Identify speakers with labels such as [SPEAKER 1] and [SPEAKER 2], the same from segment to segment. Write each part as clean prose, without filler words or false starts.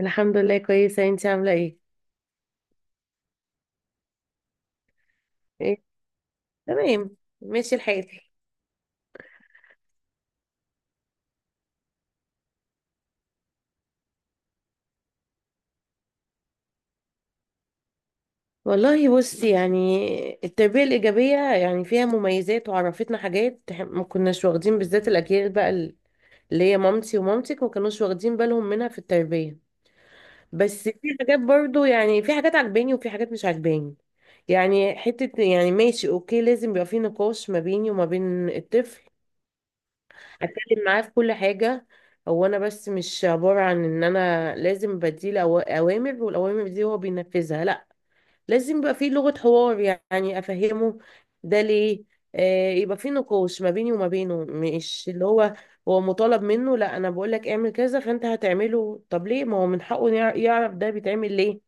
[SPEAKER 1] الحمد لله كويسة، انتي عاملة ايه؟ ايه، تمام، ماشي الحال. والله بصي، يعني التربية الإيجابية يعني فيها مميزات وعرفتنا حاجات ما كناش واخدين بالذات، الأجيال بقى اللي هي مامتي ومامتك ما كانوش واخدين بالهم منها في التربية. بس في حاجات برضو، يعني في حاجات عجباني وفي حاجات مش عجباني. يعني حتة يعني ماشي، اوكي، لازم يبقى في نقاش ما بيني وما بين الطفل، اتكلم معاه في كل حاجه. هو انا بس مش عباره عن ان انا لازم بديله اوامر، والاوامر دي هو بينفذها، لا، لازم يبقى في لغه حوار، يعني افهمه ده ليه. آه، يبقى في نقاش ما بيني وما بينه، مش اللي هو هو مطالب منه، لا، انا بقول لك اعمل كذا فانت هتعمله، طب ليه؟ ما هو من حقه يعرف ده بيتعمل ليه،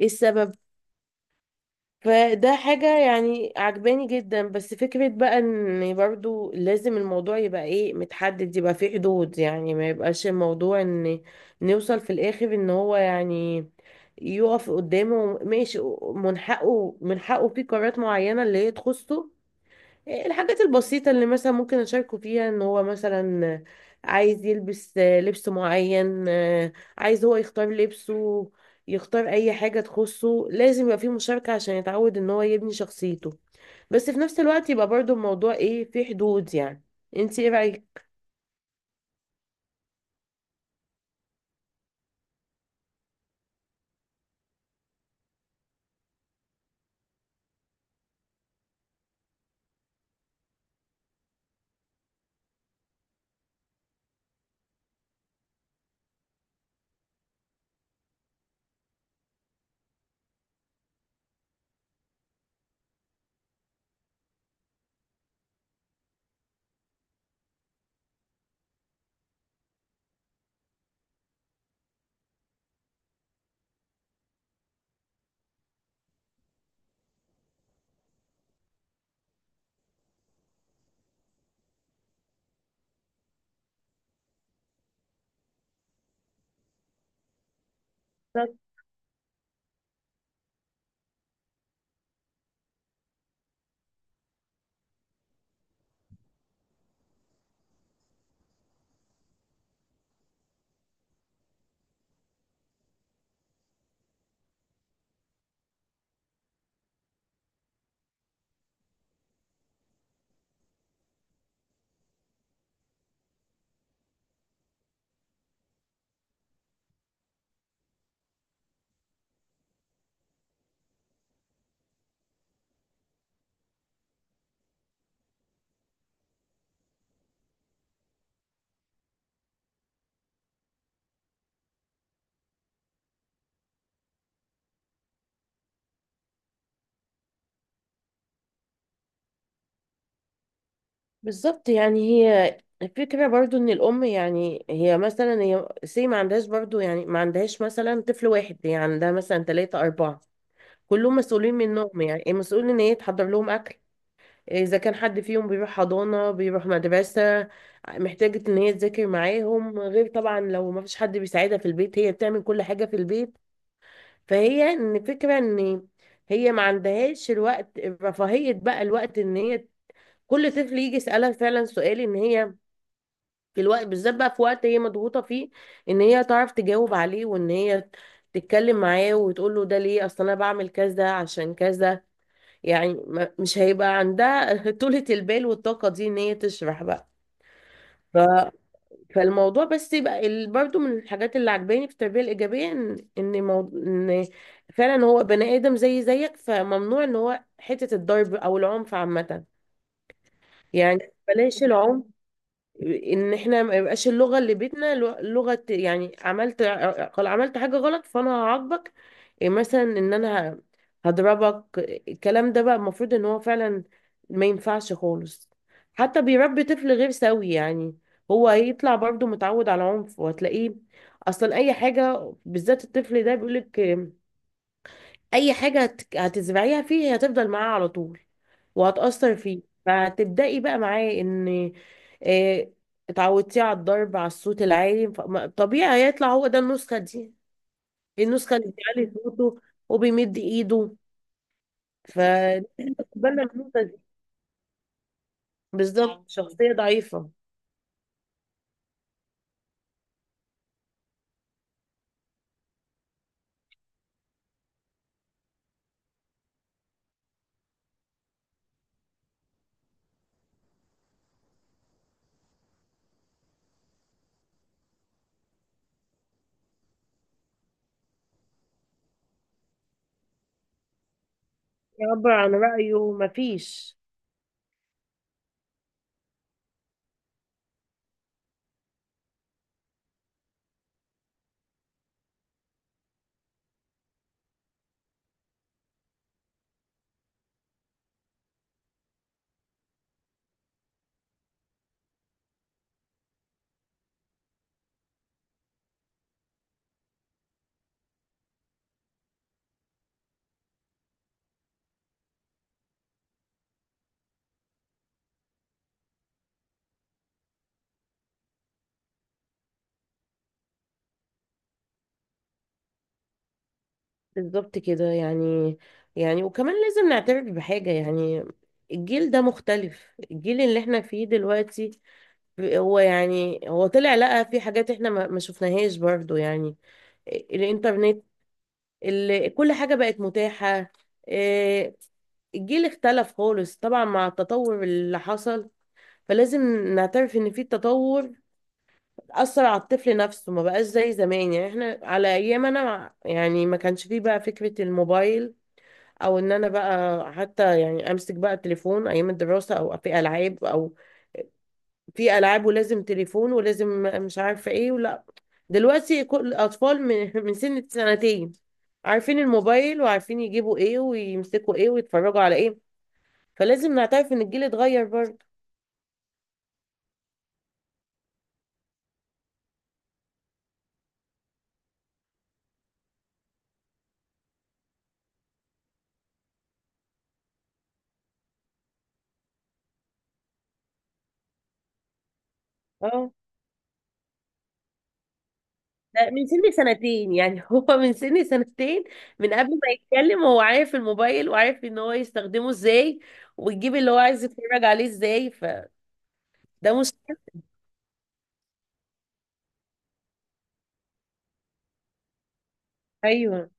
[SPEAKER 1] ايه السبب. فده حاجة يعني عجباني جدا. بس فكرة بقى ان برضو لازم الموضوع يبقى ايه، متحدد، يبقى فيه حدود، يعني ما يبقاش الموضوع ان نوصل في الاخر ان هو يعني يقف قدامه ماشي. من حقه، من حقه في قرارات معينة اللي هي تخصه، الحاجات البسيطة اللي مثلا ممكن أشاركه فيها، إن هو مثلا عايز يلبس لبس معين، عايز هو يختار لبسه، يختار أي حاجة تخصه، لازم يبقى فيه مشاركة عشان يتعود إن هو يبني شخصيته. بس في نفس الوقت يبقى برضو الموضوع إيه، فيه حدود يعني. انتي إيه رأيك؟ بالظبط. بالظبط، يعني هي الفكرة برضو إن الأم، يعني هي مثلا هي سي ما عندهاش برضو، يعني ما عندهاش مثلا طفل واحد، هي عندها مثلا تلاتة أربعة، كلهم مسؤولين منهم. يعني المسؤول ان هي تحضر لهم اكل، اذا كان حد فيهم بيروح حضانة بيروح مدرسة، محتاجة ان هي تذاكر معاهم، غير طبعا لو ما فيش حد بيساعدها في البيت، هي بتعمل كل حاجة في البيت. فهي ان الفكرة ان هي ما عندهاش الوقت، رفاهية بقى الوقت ان هي كل طفل يجي يسألها فعلا سؤال، ان هي في الوقت بالذات بقى، في وقت هي مضغوطة فيه، ان هي تعرف تجاوب عليه وان هي تتكلم معاه وتقول له ده ليه، اصل انا بعمل كذا عشان كذا. يعني مش هيبقى عندها طولة البال والطاقة دي ان هي تشرح بقى. ف... فالموضوع بس يبقى برضو من الحاجات اللي عجباني في التربية الإيجابية، إن فعلا هو بني آدم زي زيك، فممنوع ان هو حتة الضرب او العنف عامة. يعني بلاش العنف، ان احنا ما يبقاش اللغه اللي بيتنا لغه، يعني عملت، قال عملت حاجه غلط فانا هعاقبك، إيه مثلا ان انا هضربك. الكلام ده بقى المفروض ان هو فعلا ما ينفعش خالص، حتى بيربي طفل غير سوي يعني. هو هيطلع برضه متعود على عنف، وهتلاقيه اصلا اي حاجه، بالذات الطفل ده بيقولك اي حاجة هتزرعيها فيه هي هتفضل معاه على طول، وهتأثر فيه. فهتبدأي بقى معاه ان آه، اتعودتيه على الضرب، على الصوت العالي، طبيعي هيطلع هو ده النسخة دي، النسخة اللي بيعلي صوته وبيمد ايده، فبالنا النسخة دي. بالظبط، شخصية ضعيفة، يعبر عن رأيه مفيش. بالظبط كده يعني. يعني وكمان لازم نعترف بحاجة يعني، الجيل ده مختلف، الجيل اللي احنا فيه دلوقتي. هو يعني هو طلع لقى في حاجات احنا ما شفناهاش برضو، يعني الانترنت، كل حاجة بقت متاحة. إيه، الجيل اختلف خالص طبعا مع التطور اللي حصل. فلازم نعترف ان في تطور أثر على الطفل نفسه، ما بقاش زي زمان. يعني احنا على ايام انا يعني ما كانش فيه بقى فكرة الموبايل، او ان انا بقى حتى يعني امسك بقى التليفون ايام الدراسة، او في العاب، او في العاب ولازم تليفون ولازم مش عارفه ايه ولا. دلوقتي كل الاطفال من من سن سنتين عارفين الموبايل، وعارفين يجيبوا ايه ويمسكوا ايه ويتفرجوا على ايه. فلازم نعترف ان الجيل اتغير برضه. اه، لا، من سن سنتين يعني هو من سن سنتين، من قبل ما يتكلم هو عارف الموبايل وعارف ان هو يستخدمه ازاي، ويجيب اللي هو عايز يتفرج عليه ازاي، فده مشكلة. ايوه.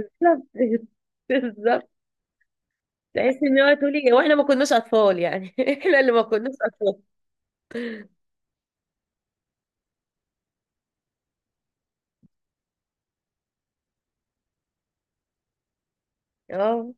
[SPEAKER 1] بالظبط بالظبط. تحس ان هو تقولي واحنا ما كناش اطفال يعني احنا اللي ما كناش اطفال. اه.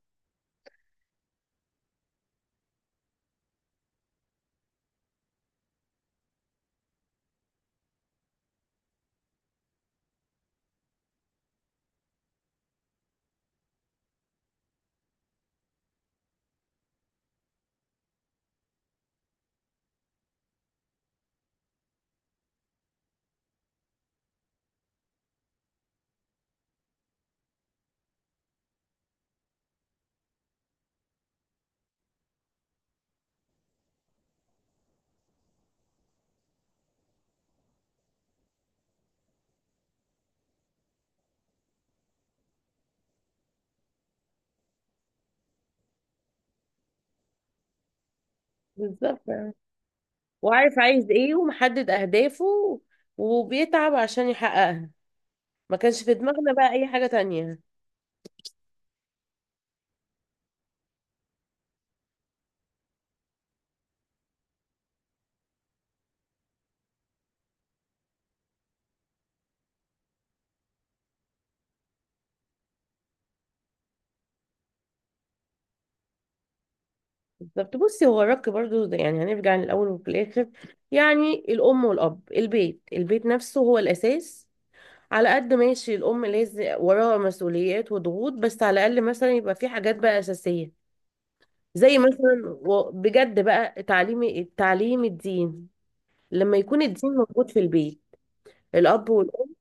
[SPEAKER 1] بالظبط، وعارف عايز ايه ومحدد اهدافه، وبيتعب عشان يحققها، ما كانش في دماغنا بقى اي حاجة تانية. بالظبط. بصي هو الرك برضو ده يعني هنرجع للاول وفي الاخر، يعني الام والاب البيت، البيت نفسه هو الاساس. على قد ماشي الام لازم وراها مسؤوليات وضغوط، بس على الاقل مثلا يبقى في حاجات بقى اساسية، زي مثلا بجد بقى تعليم، التعليم، الدين. لما يكون الدين موجود في البيت، الأب والأم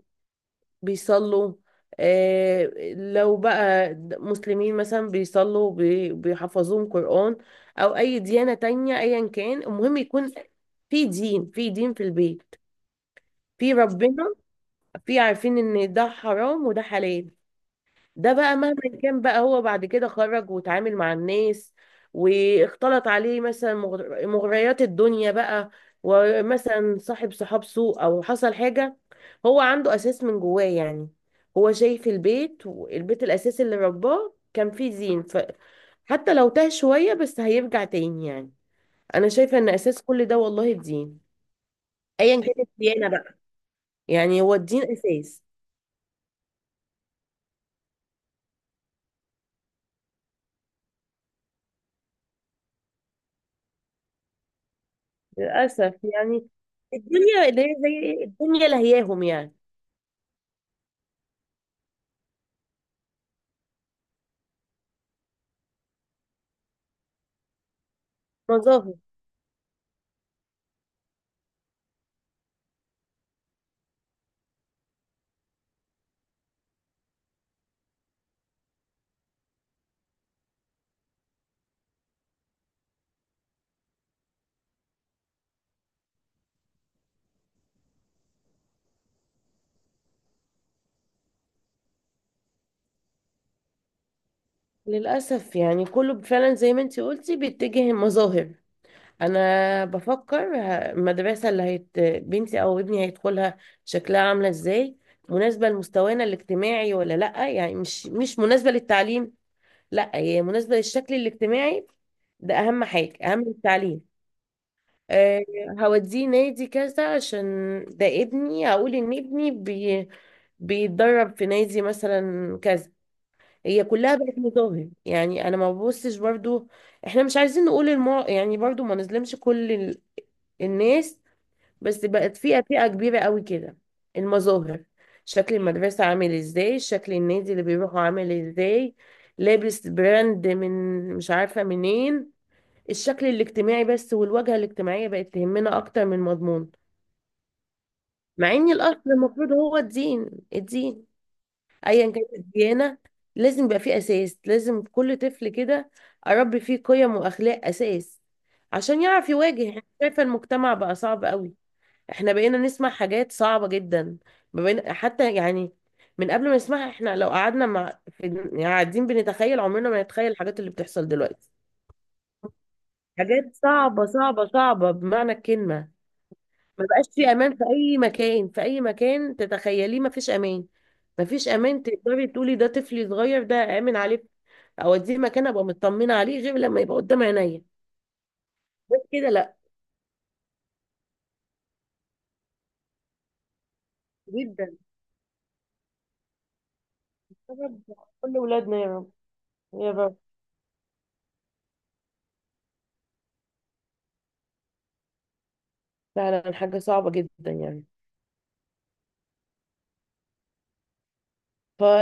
[SPEAKER 1] بيصلوا، آه، لو بقى مسلمين مثلا، بيصلوا، بيحفظوهم قرآن، أو أي ديانة تانية أيا كان، المهم يكون في دين، في دين في البيت، في ربنا، في عارفين إن ده حرام وده حلال. ده بقى مهما كان بقى هو بعد كده خرج وتعامل مع الناس واختلط عليه مثلا مغريات الدنيا بقى، ومثلا صاحب صحاب سوء او حصل حاجة، هو عنده اساس من جواه يعني. هو شايف البيت، والبيت الاساس اللي رباه كان فيه زين، فحتى لو تاه شوية بس هيرجع تاني يعني. انا شايفة ان اساس كل ده والله الدين، ايا كانت الديانة بقى، يعني هو الدين اساس. للأسف يعني الدنيا اللي هي زي إيه؟ الدنيا لهياهم يعني، مظاهر. للأسف يعني كله فعلا زي ما انتي قلتي بيتجه المظاهر. أنا بفكر المدرسة اللي بنتي أو ابني هيدخلها شكلها عاملة ازاي، مناسبة لمستوانا الاجتماعي ولا لأ، يعني مش مش مناسبة للتعليم، لأ هي مناسبة للشكل الاجتماعي، ده أهم حاجة أهم من التعليم. آه، هوديه نادي كذا عشان ده ابني، اقول ان ابني بيتدرب في نادي مثلا كذا. هي كلها بقت مظاهر يعني. انا ما ببصش برضو، احنا مش عايزين نقول يعني برضو ما نظلمش كل الناس، بس بقت فئة، فئة كبيرة قوي كده، المظاهر، شكل المدرسة عامل ازاي، شكل النادي اللي بيروحوا عامل ازاي، لابس براند من مش عارفة منين، الشكل الاجتماعي بس والواجهة الاجتماعية بقت تهمنا أكتر من المضمون. مع إن الأصل المفروض هو الدين، الدين، أيا كانت الديانة، لازم يبقى فيه أساس، لازم كل طفل كده أربي فيه قيم وأخلاق أساس عشان يعرف يواجه. إحنا شايفة المجتمع بقى صعب قوي، إحنا بقينا نسمع حاجات صعبة جدا، ما بقينا حتى يعني، من قبل ما نسمعها إحنا لو قعدنا مع في يعني قاعدين بنتخيل، عمرنا ما نتخيل الحاجات اللي بتحصل دلوقتي. حاجات صعبة صعبة صعبة بمعنى الكلمة. ما بقاش في امان في اي مكان، في اي مكان تتخيليه ما فيش امان، ما فيش امان تقدري تقولي ده طفلي صغير ده امن عليه، اوديه مكان ابقى مطمنه عليه غير لما يبقى قدام عينيا، بس كده لا. جدا. يا رب، كل ولادنا يا رب، يا رب. فعلا حاجه صعبه جدا يعني. ف